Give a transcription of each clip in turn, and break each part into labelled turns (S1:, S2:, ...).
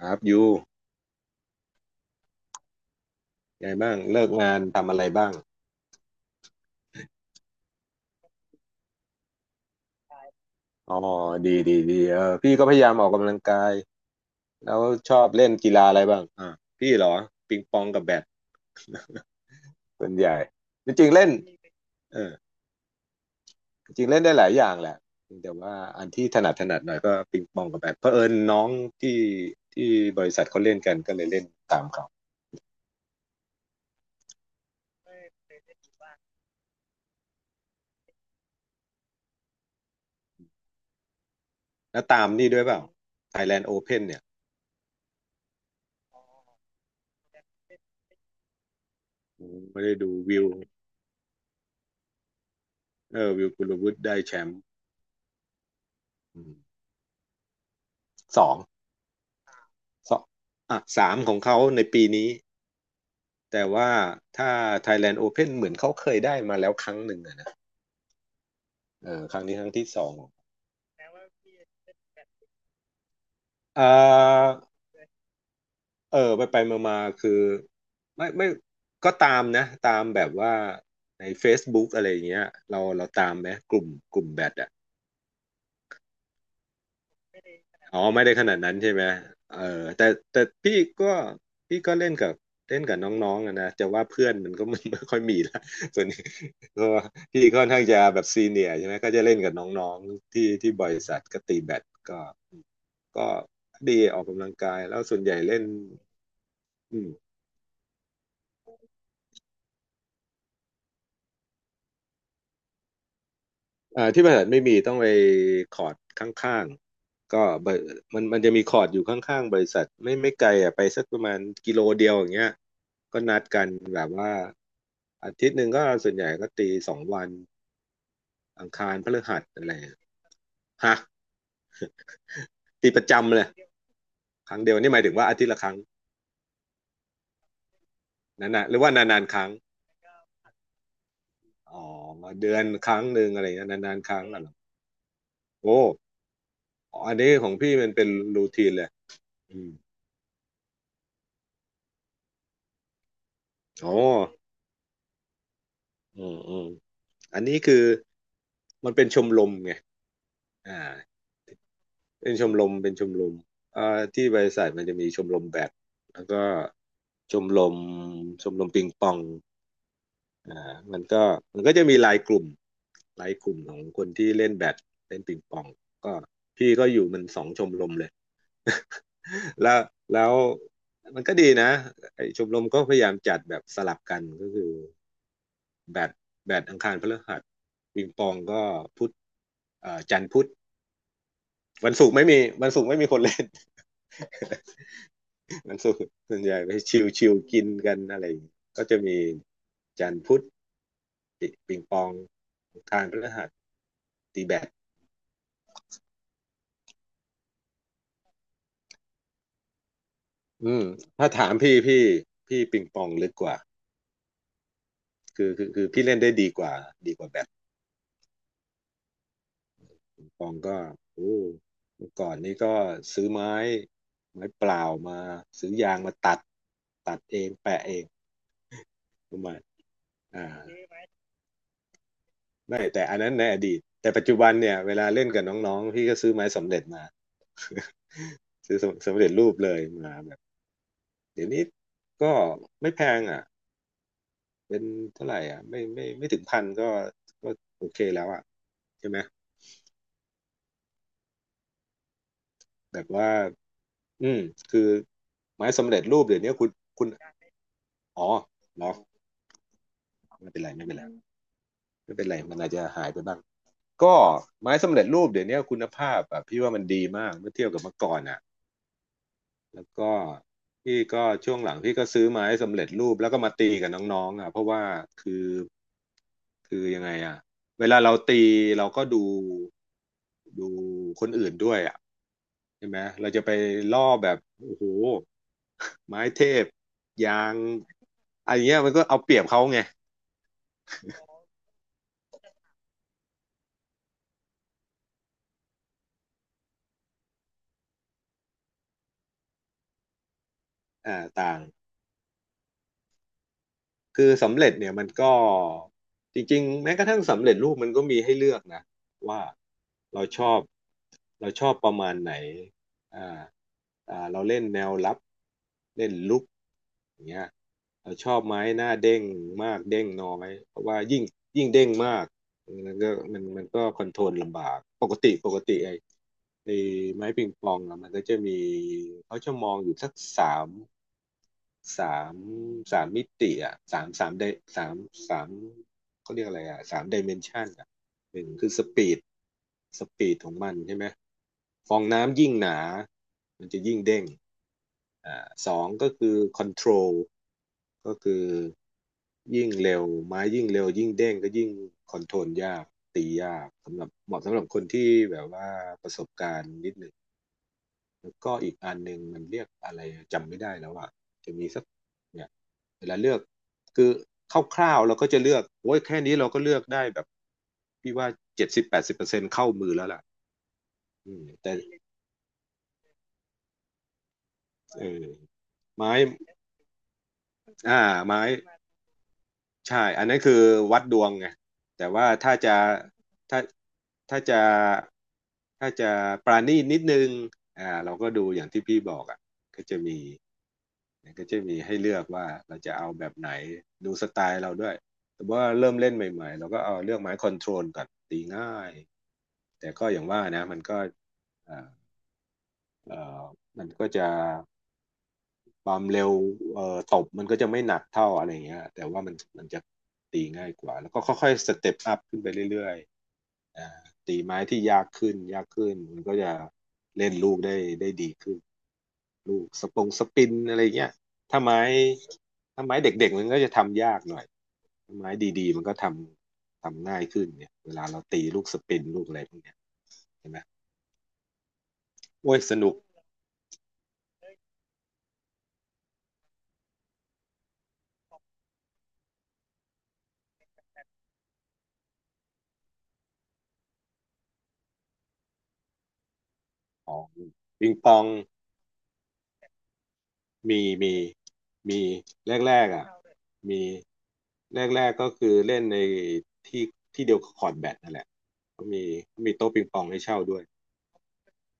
S1: ครับยูไงบ้างเลิกงานทำอะไรบ้างอ๋อดีดีดีเออพี่ก็พยายามออกกำลังกายแล้วชอบเล่นกีฬาอะไรบ้างพี่เหรอปิงปองกับแบดส่วนใหญ่จริงๆเล่นเออจริงๆเล่นได้หลายอย่างแหละแต่ว่าอันที่ถนัดถนัดหน่อยก็ปิงปองกับแบดเผอิญน้องที่ที่บริษัทเขาเล่นกันก็เลยเล่นตามเขาแล้วตามนี่ด้วยเปล่า Thailand Open เพ่นเนี่ย้ไม่ได้ดูวิวเออวิวกุลวุฒิได้แชมป์อืมสอง สองอ่ะสามของเขาในปีนี้แต่ว่าถ้า Thailand Open เหมือนเขาเคยได้มาแล้วครั้งหนึ่งอะนะเออครั้งนี้ครั้งที่สองเอาเออไปไปมามาๆคือไม่ก็ตามนะตามแบบว่าใน Facebook อะไรอย่างเงี้ยเราตามไหมกลุ่มแบดอะ อ๋อไม่ได้ขนาดนั้นใช่ไหมเออแต่แต่พี่ก็พี่ก็เล่นกับน้องๆอะนะจะว่าเพื่อนมันก็ไม่ค่อยมีละ ส่วนนี้ก็พี่ค่อนข้างจะแบบซีเนียร์ใช่ไหมก็จะเล่นกับน้องๆที่บริษัทก็ตีแบดก็ก็ดีออกกำลังกายแล้วส่วนใหญ่เล่นอืม ที่บริษัทไม่มีต้องไปคอร์ดข้างๆก็บริมันจะมีคอร์ดอยู่ข้างๆบริษัทไม่ไกลอ่ะไปสักประมาณกิโลเดียวอย่างเงี้ยก็นัดกันแบบว่าอาทิตย์หนึ่งก็ส่วนใหญ่ก็ตี2 วันอังคารพฤหัสอะไรอะฮะตีประจำเลยครั้งเดียวนี่หมายถึงว่าอาทิตย์ละครั้งนั่นนะหรือว่านานๆครั้งอ๋อเดือนครั้งหนึ่งอะไรเงี้ยนานๆครั้งอะเหรอโอ้อันนี้ของพี่มันเป็นรูทีนเลยอืมอ๋อ อืมอืมอันนี้คือมันเป็นชมรมไงอ่าเป็นชมรมเป็นชมรมอ่าที่บริษัทมันจะมีชมรมแบดแล้วก็ชมรมชมรมปิงปองอ่ามันก็มันก็จะมีไลน์กลุ่มของคนที่เล่นแบดเล่นปิงปองก็พี่ก็อยู่มันสองชมรมเลย แล้วแล้วมันก็ดีนะไอ้ชมรมก็พยายามจัดแบบสลับกันก็คือ แบดแบดอังคารพฤหัสปิงปองก็พุธจันทร์พุธวันศุกร์ไม่มีวันศุกร์ไม่มีคนเล่น วันศุกร์ส่วนใหญ่ไปชิลชิลกินกันอะไรอย่างงี้ก็จะมีจันทร์พุธปิงปองอังคารพฤหัสตีแบดอืมถ้าถามพี่พี่ปิงปองลึกกว่าคือพี่เล่นได้ดีกว่าดีกว่าแบดปิงปองก็โอ้เมื่อก่อนนี้ก็ซื้อไม้ไม้เปล่ามาซื้อยางมาตัดตัดเองแปะเองประมาณ อ่าไม่แต่อันนั้นในอดีตแต่ปัจจุบันเนี่ยเวลาเล่นกับน้องๆพี่ก็ซื้อไม้สำเร็จมา ซื้อสำสเร็จรูปเลยมาแบบเดี๋ยวนี้ก็ไม่แพงอ่ะเป็นเท่าไหร่อ่ะไม่ถึงพันก็ก็โอเคแล้วอ่ะใช่ไหมแบบว่าอืมคือไม้สำเร็จรูปเดี๋ยวนี้คุณอ๋อเหรอไม่เป็นไรไม่เป็นไรไม่เป็นไรมันอาจจะหายไปบ้างก็ไม้สำเร็จรูปเดี๋ยวนี้คุณภาพอ่ะพี่ว่ามันดีมากเมื่อเทียบกับเมื่อก่อนอ่ะ แล้วก็พี่ก็ช่วงหลังพี่ก็ซื้อไม้สำเร็จรูปแล้วก็มาตีกับน้องๆอ่ะเพราะว่าคือคือยังไงอ่ะเวลาเราตีเราก็ดูคนอื่นด้วยอ่ะใช่ไหมเราจะไปล่อแบบโอ้โหไม้เทพยางอันเนี้ยมันก็เอาเปรียบเขาไงอ่าต่าง คือสำเร็จเนี่ยมันก็จริงๆแม้กระทั่งสำเร็จรูปมันก็มีให้เลือกนะว่าเราชอบประมาณไหนอ่าเราเล่นแนวรับเล่นลุกอย่างเงี้ยเราชอบไหมหน้าเด้งมากเด้งน้อยเพราะว่ายิ่งเด้งมากมันก็คอนโทรลลำบากปกติปกติไอ้ไม้ปิงปองอะมันก็จะมีเขาจะมองอยู่สักสาม สามสามมิติอ่ะสามสามไดสามสามเขาเรียกอะไรอ่ะ3 ดิเมนชันอ่ะหนึ่งคือสปีดของมันใช่ไหมฟองน้ำยิ่งหนามันจะยิ่งเด้งสองก็คือคอนโทรลก็คือยิ่งเร็วไม้ยิ่งเร็วยิ่งเด้งก็ยิ่งคอนโทรลยากตียากสำหรับเหมาะสำหรับคนที่แบบว่าประสบการณ์นิดหนึ่ง แล้วก็อีกอันหนึ่งมันเรียกอะไรจำไม่ได้แล้วอ่ะจะมีสักเนี่ยเวลาเลือกคือคร่าวๆเราก็จะเลือกโอ้ยแค่นี้เราก็เลือกได้แบบพี่ว่า70-80%เข้ามือแล้วล่ะอืมแต่เออไม้อ่าไม้ใช่อันนั้นคือวัดดวงไงแต่ว่าถ้าจะถ้าถ้าจะถ้าจะปราณีตนิดนึงอ่าเราก็ดูอย่างที่พี่บอกอ่ะก็จะมี มันก็จะมีให้เลือกว่าเราจะเอาแบบไหนดูสไตล์เราด้วยแต่ว่าเริ่มเล่นใหม่ๆเราก็เอาเลือกไม้คอนโทรลก่อนตีง่ายแต่ก็อย่างว่านะมันก็เอ่อเอ่อมันก็จะความเร็วตบมันก็จะไม่หนักเท่าอะไรเงี้ยแต่ว่ามันจะตีง่ายกว่าแล้วก็ค่อยๆสเต็ปอัพขึ้นไปเรื่อยๆตีไม้ที่ยากขึ้นยากขึ้นมันก็จะเล่นลูกได้ดีขึ้น ลูกสปงสปินอะไรเงี้ยถ้าไม้ถ้าไม้เด็กๆมันก็จะทำยากหน่อยถ้าไม้ดีๆมันก็ทำง่ายขึ้นเนี่ยเวลาเราตีลูกสปินลูกอะไรพวกเนี้ยเห็นไหมโอ้ยสนุกอ๋อปิงปองมีมีมีแรกๆอ่ะมีแรกๆก็คือเล่นในที่ที่เดียวกับคอร์ตแบดนั่นแหละก็มีโต๊ะปิงปองให้เช่าด้วย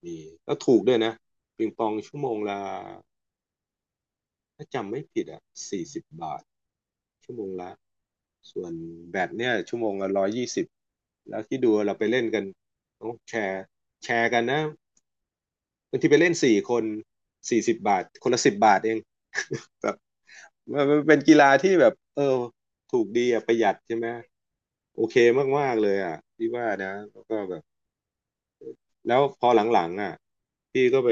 S1: มีก็ถูกด้วยนะปิงปองชั่วโมงละถ้าจำไม่ผิดอ่ะสี่สิบบาทชั่วโมงละ ส่วนแบตเนี่ยชั่วโมงละ120แล้วที่ดูเราไปเล่นกันต้องแชร์แชร์กันนะบางทีไปเล่นสี่คนสี่สิบบาทคนละสิบบาทเอง แบบมันเป็นกีฬาที่แบบเออถูกดีอ่ะประหยัดใช่ไหมโอเคมากๆเลยอ่ะพี่ว่านะแล้วก็แบบแล้วพอหลังๆอ่ะพี่ก็ไป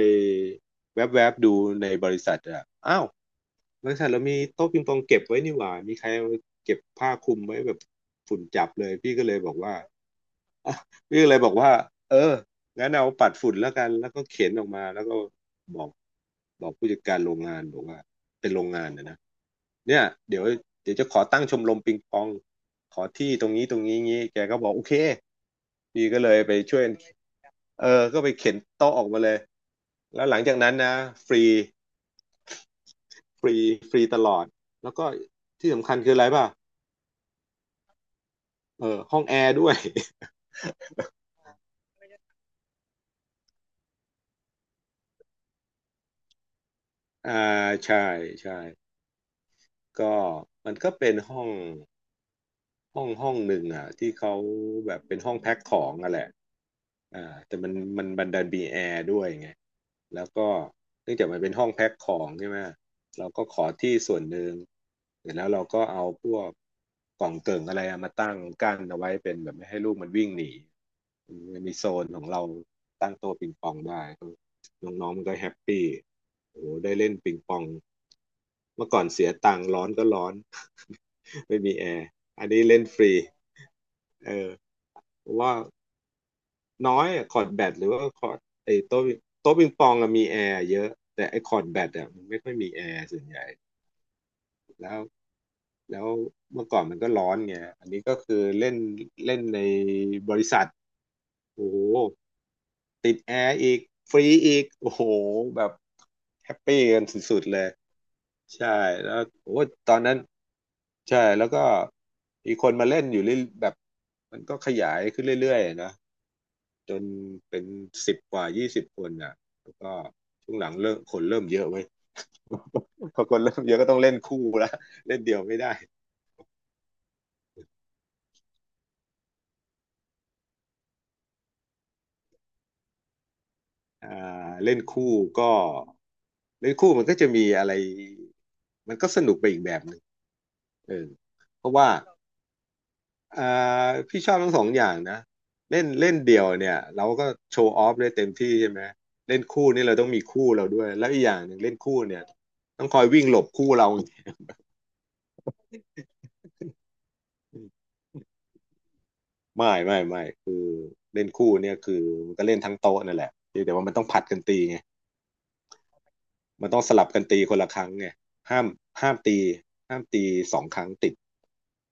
S1: แวบๆดูในบริษัทอ่ะอ้าวบริษัทเรามีโต๊ะปิงปองเก็บไว้นี่หว่ามีใครเอาเก็บผ้าคลุมไว้แบบฝุ่นจับเลยพี่ก็เลยบอกว่า พี่ก็เลยบอกว่าเอองั้นเอาปัดฝุ่นแล้วกันแล้วก็เข็นออกมาแล้วก็บอกผู้จัดการโรงงานบอกว่าเป็นโรงงานนะนะเนี่ยเดี๋ยวเดี๋ยวจะขอตั้งชมรมปิงปองขอที่ตรงนี้ตรงนี้งี้แกก็บอกโอเคพี่ก็เลยไปช่วยเออก็ไปเข็นโต๊ะออกมาเลยแล้วหลังจากนั้นนะฟรีฟรีฟรีตลอดแล้วก็ที่สำคัญคืออะไรป่ะเออห้องแอร์ด้วย อ่าใช่ใช่ก็มันก็เป็นห้อง ห้องห้องหนึ่งอ่ะที่เขาแบบเป็นห้องแพ็คของอ่ะแหละอ่าแต่มันบันดันมีแอร์ด้วยไงแล้วก็เนื่องจากมันเป็นห้องแพ็คของใช่ไหมเราก็ขอที่ส่วนหนึ่งเสร็จแล้วเราก็เอาพวกกล่องเกิ่งอะไรอะมาตั้งกั้นเอาไว้เป็นแบบไม่ให้ลูกมันวิ่งหนีมันมีโซนของเราตั้งโต๊ะปิงปองได้น้องๆมันก็แฮปปี้โอ้โหได้เล่นปิงปองเมื่อก่อนเสียตังค์ร้อนก็ร้อน ไม่มีแอร์อันนี้เล่นฟรีเออ เพราะว่าน้อยอะคอร์ดแบดหรือว่าคอร์ดไอ้โต๊ะิงโต๊ะปิงปองอะมีแอร์เยอะแต่ไอ้คอร์ดแบดอะมันไม่ค่อยมีแอร์ส่วนใหญ่แล้วแล้วเมื่อก่อนมันก็ร้อนไงอันนี้ก็คือเล่นเล่นในบริษัทโอ้โหติดแอร์อีกฟรีอีกโอ้โหแบบแฮปปี้กันสุดๆเลยใช่แล้วโอ้ตอนนั้นใช่แล้วก็มีคนมาเล่นอยู่เรื่อยแบบมันก็ขยายขึ้นเรื่อยๆนะ จนเป็น10 กว่า 20 คนอ่ะแล้วก็ช่วงหลังเริ่มคนเริ่มเยอะเว้ย พอคนเริ่มเยอะก็ต้องเล่นคู่ละ เล่นเดียวไม่ได้อ่าเล่นคู่ก็เล่นคู่มันก็จะมีอะไรมันก็สนุกไปอีกแบบหนึ่งเออเพราะว่าอ่าพี่ชอบทั้งสองอย่างนะเล่นเล่นเดี่ยวเนี่ยเราก็โชว์ออฟได้เต็มที่ใช่ไหมเล่นคู่นี่เราต้องมีคู่เราด้วยแล้วอีกอย่างหนึ่งเล่นคู่เนี่ยต้องคอยวิ่งหลบคู่เราไม่ ไม่ไม่ เล่นคู่เนี่ยคือมันก็เล่นทั้งโต๊ะนั่นแหละเพียงแต่ว่ามันต้องผัดกันตีไงมันต้องสลับกันตีคนละครั้งไงห้ามห้ามห้ามตีสองครั้งติด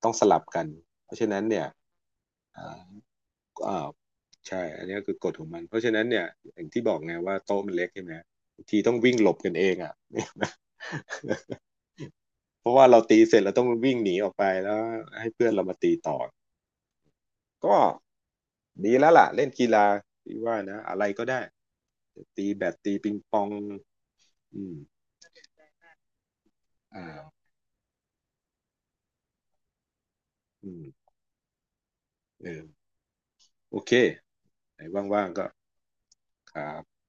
S1: ต้องสลับกันเพราะฉะนั้นเนี่ยอ่าอ่าใช่อันนี้คือกฎของมันเพราะฉะนั้นเนี่ยอย่างที่บอกไงว่าโต๊ะมันเล็กใช่ไหมบางทีต้องวิ่งหลบกันเองอ่ะ เพราะว่าเราตีเสร็จเราต้องวิ่งหนีออกไปแล้วให้เพื่อนเรามาตีต่อ ก็ดีแล้วล่ะเล่นกีฬาที่ว่านะอะไรก็ได้ตีแบดตีปิงปองอืมอ่าอืมเออโอเคไหนว่างๆก็ครับ